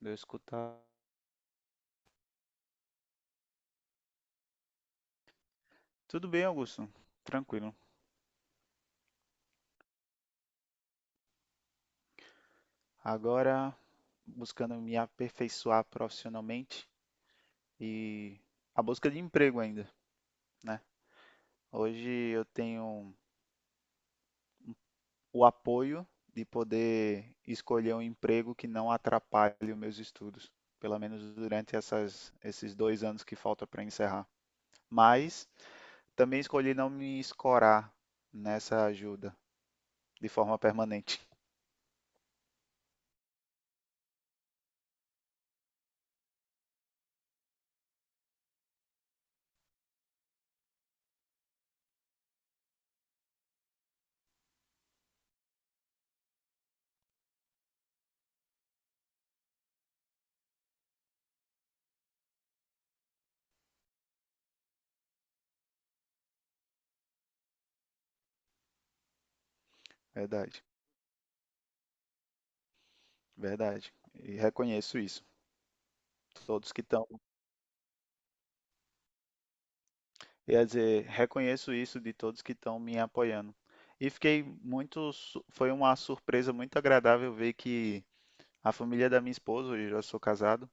Deu escutar. Tudo bem, Augusto. Tranquilo. Agora, buscando me aperfeiçoar profissionalmente e a busca de emprego ainda, né? Hoje eu tenho o apoio de poder escolher um emprego que não atrapalhe os meus estudos, pelo menos durante esses dois anos que falta para encerrar. Mas também escolhi não me escorar nessa ajuda de forma permanente. Verdade, verdade. E reconheço isso. Todos que estão, quer dizer, reconheço isso de todos que estão me apoiando. E fiquei foi uma surpresa muito agradável ver que a família da minha esposa, hoje eu já sou casado,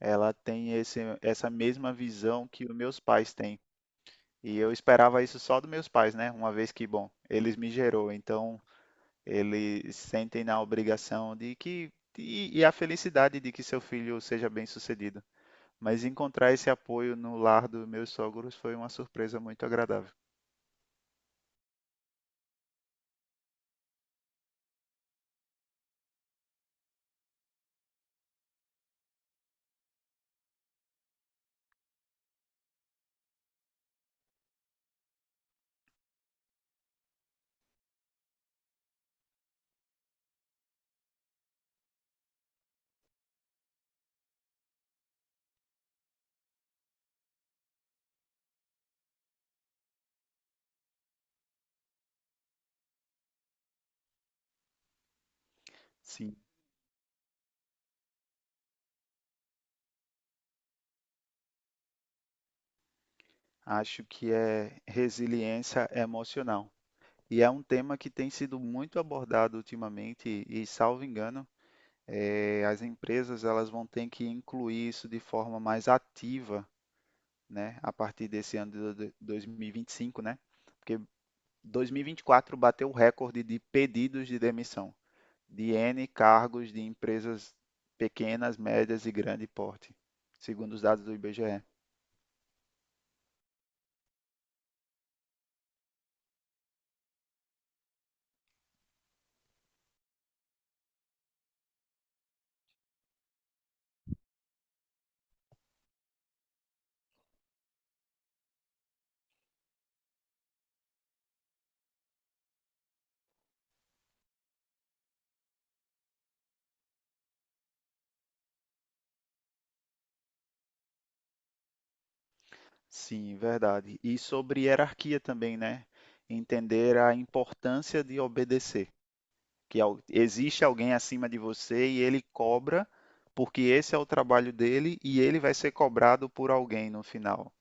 ela tem essa mesma visão que os meus pais têm. E eu esperava isso só dos meus pais, né? Uma vez que, bom, eles me gerou, então eles sentem na obrigação de que, e a felicidade de que seu filho seja bem-sucedido. Mas encontrar esse apoio no lar dos meus sogros foi uma surpresa muito agradável. Sim, acho que é resiliência emocional. E é um tema que tem sido muito abordado ultimamente e, salvo engano, as empresas elas vão ter que incluir isso de forma mais ativa, né, a partir desse ano de 2025, né? Porque 2024 bateu o recorde de pedidos de demissão de N cargos de empresas pequenas, médias e grande porte, segundo os dados do IBGE. Sim, verdade. E sobre hierarquia também, né? Entender a importância de obedecer, existe alguém acima de você e ele cobra, porque esse é o trabalho dele e ele vai ser cobrado por alguém no final.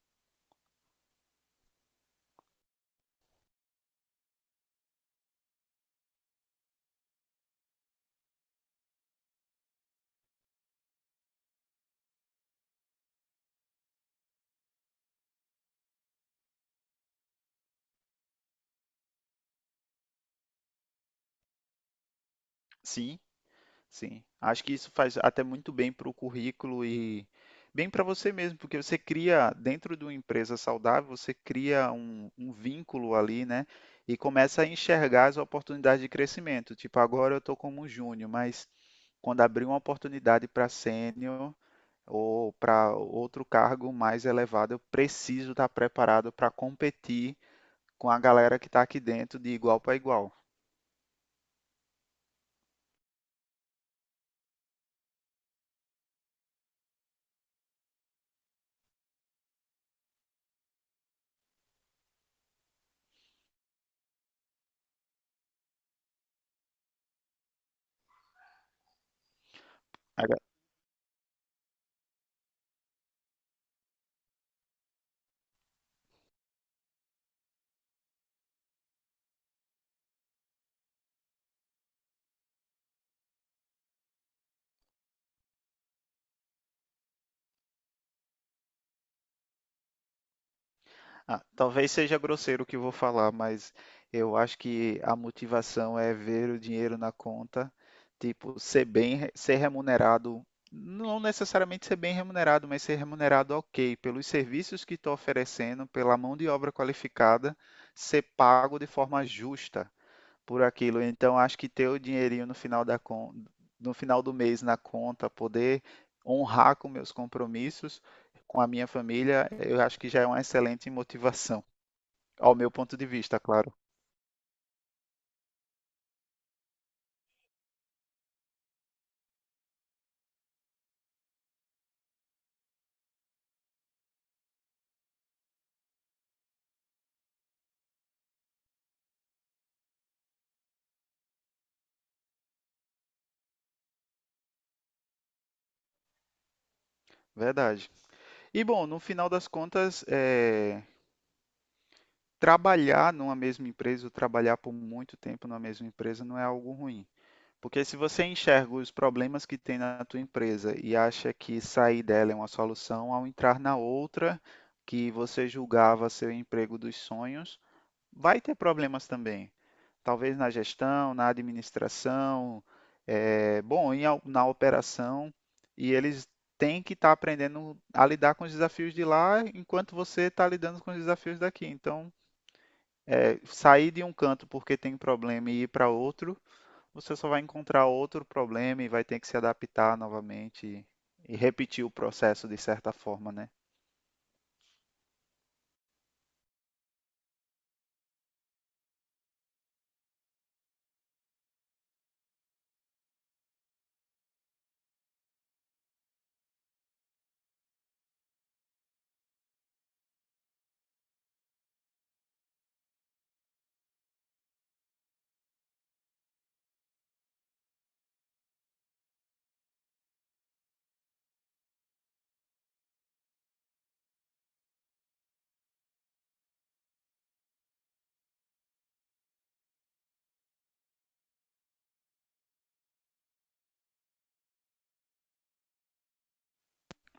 Sim, sim, acho que isso faz até muito bem para o currículo e bem para você mesmo, porque você cria, dentro de uma empresa saudável, você cria um vínculo ali, né? E começa a enxergar as oportunidades de crescimento. Tipo, agora eu estou como júnior, mas quando abrir uma oportunidade para sênior ou para outro cargo mais elevado, eu preciso estar preparado para competir com a galera que está aqui dentro de igual para igual. Ah, talvez seja grosseiro o que eu vou falar, mas eu acho que a motivação é ver o dinheiro na conta, tipo, ser remunerado, não necessariamente ser bem remunerado, mas ser remunerado ok, pelos serviços que estou oferecendo, pela mão de obra qualificada, ser pago de forma justa por aquilo. Então, acho que ter o dinheirinho no final do mês na conta, poder honrar com meus compromissos, com a minha família, eu acho que já é uma excelente motivação, ao meu ponto de vista, claro. Verdade. E bom, no final das contas, trabalhar numa mesma empresa, ou trabalhar por muito tempo numa mesma empresa não é algo ruim. Porque se você enxerga os problemas que tem na tua empresa e acha que sair dela é uma solução, ao entrar na outra que você julgava ser o emprego dos sonhos, vai ter problemas também. Talvez na gestão, na administração, na operação, e eles têm que estar aprendendo a lidar com os desafios de lá enquanto você está lidando com os desafios daqui. Então, sair de um canto porque tem problema e ir para outro você só vai encontrar outro problema e vai ter que se adaptar novamente e repetir o processo de certa forma, né?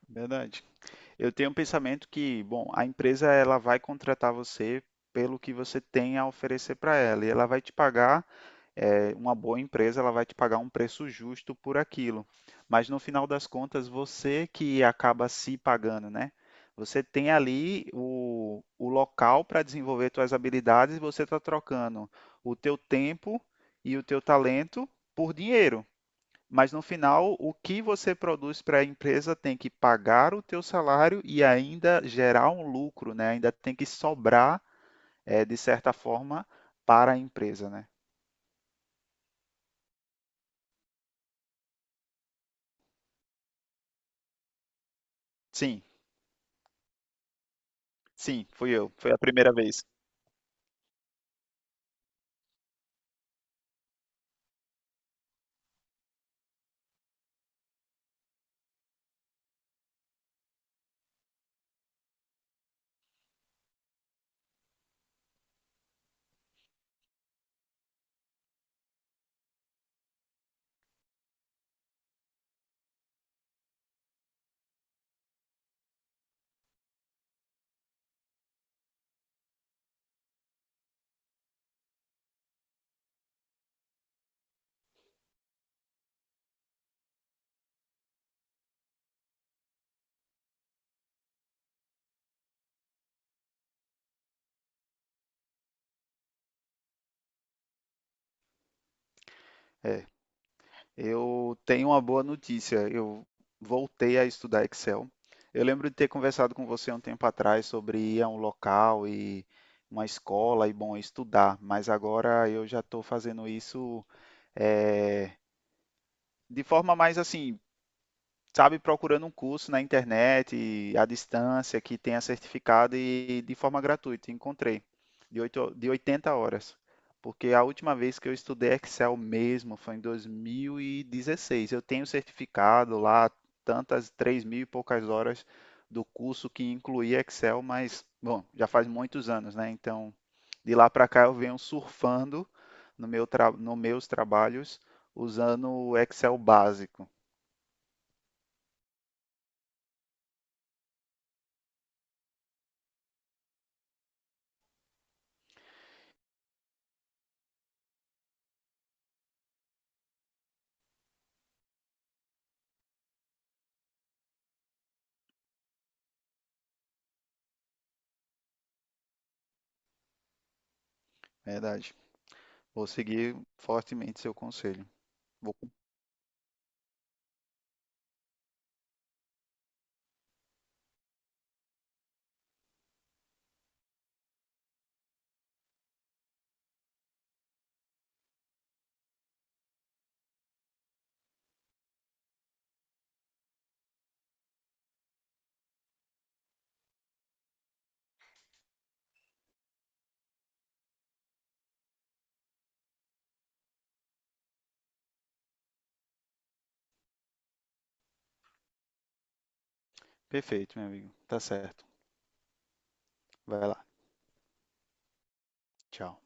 Verdade. Eu tenho um pensamento que, bom, a empresa ela vai contratar você pelo que você tem a oferecer para ela e ela vai te pagar uma boa empresa ela vai te pagar um preço justo por aquilo. Mas no final das contas, você que acaba se pagando, né? Você tem ali o local para desenvolver suas habilidades e você está trocando o teu tempo e o teu talento por dinheiro. Mas no final, o que você produz para a empresa tem que pagar o teu salário e ainda gerar um lucro, né? Ainda tem que sobrar, de certa forma, para a empresa, né? Sim. Sim, fui eu. Foi a primeira vez. É. Eu tenho uma boa notícia. Eu voltei a estudar Excel. Eu lembro de ter conversado com você há um tempo atrás sobre ir a um local e uma escola e, bom, estudar, mas agora eu já estou fazendo isso é, de forma mais assim, sabe, procurando um curso na internet, e à distância, que tenha certificado e de forma gratuita. Encontrei, oito de 80 horas. Porque a última vez que eu estudei Excel mesmo foi em 2016 Eu tenho certificado lá, tantas, 3 mil e poucas horas do curso que incluía Excel, mas, bom, já faz muitos anos, né? Então, de lá para cá eu venho surfando no meus trabalhos usando o Excel básico. Verdade. Vou seguir fortemente seu conselho. Vou... Perfeito, meu amigo. Tá certo. Vai lá. Tchau.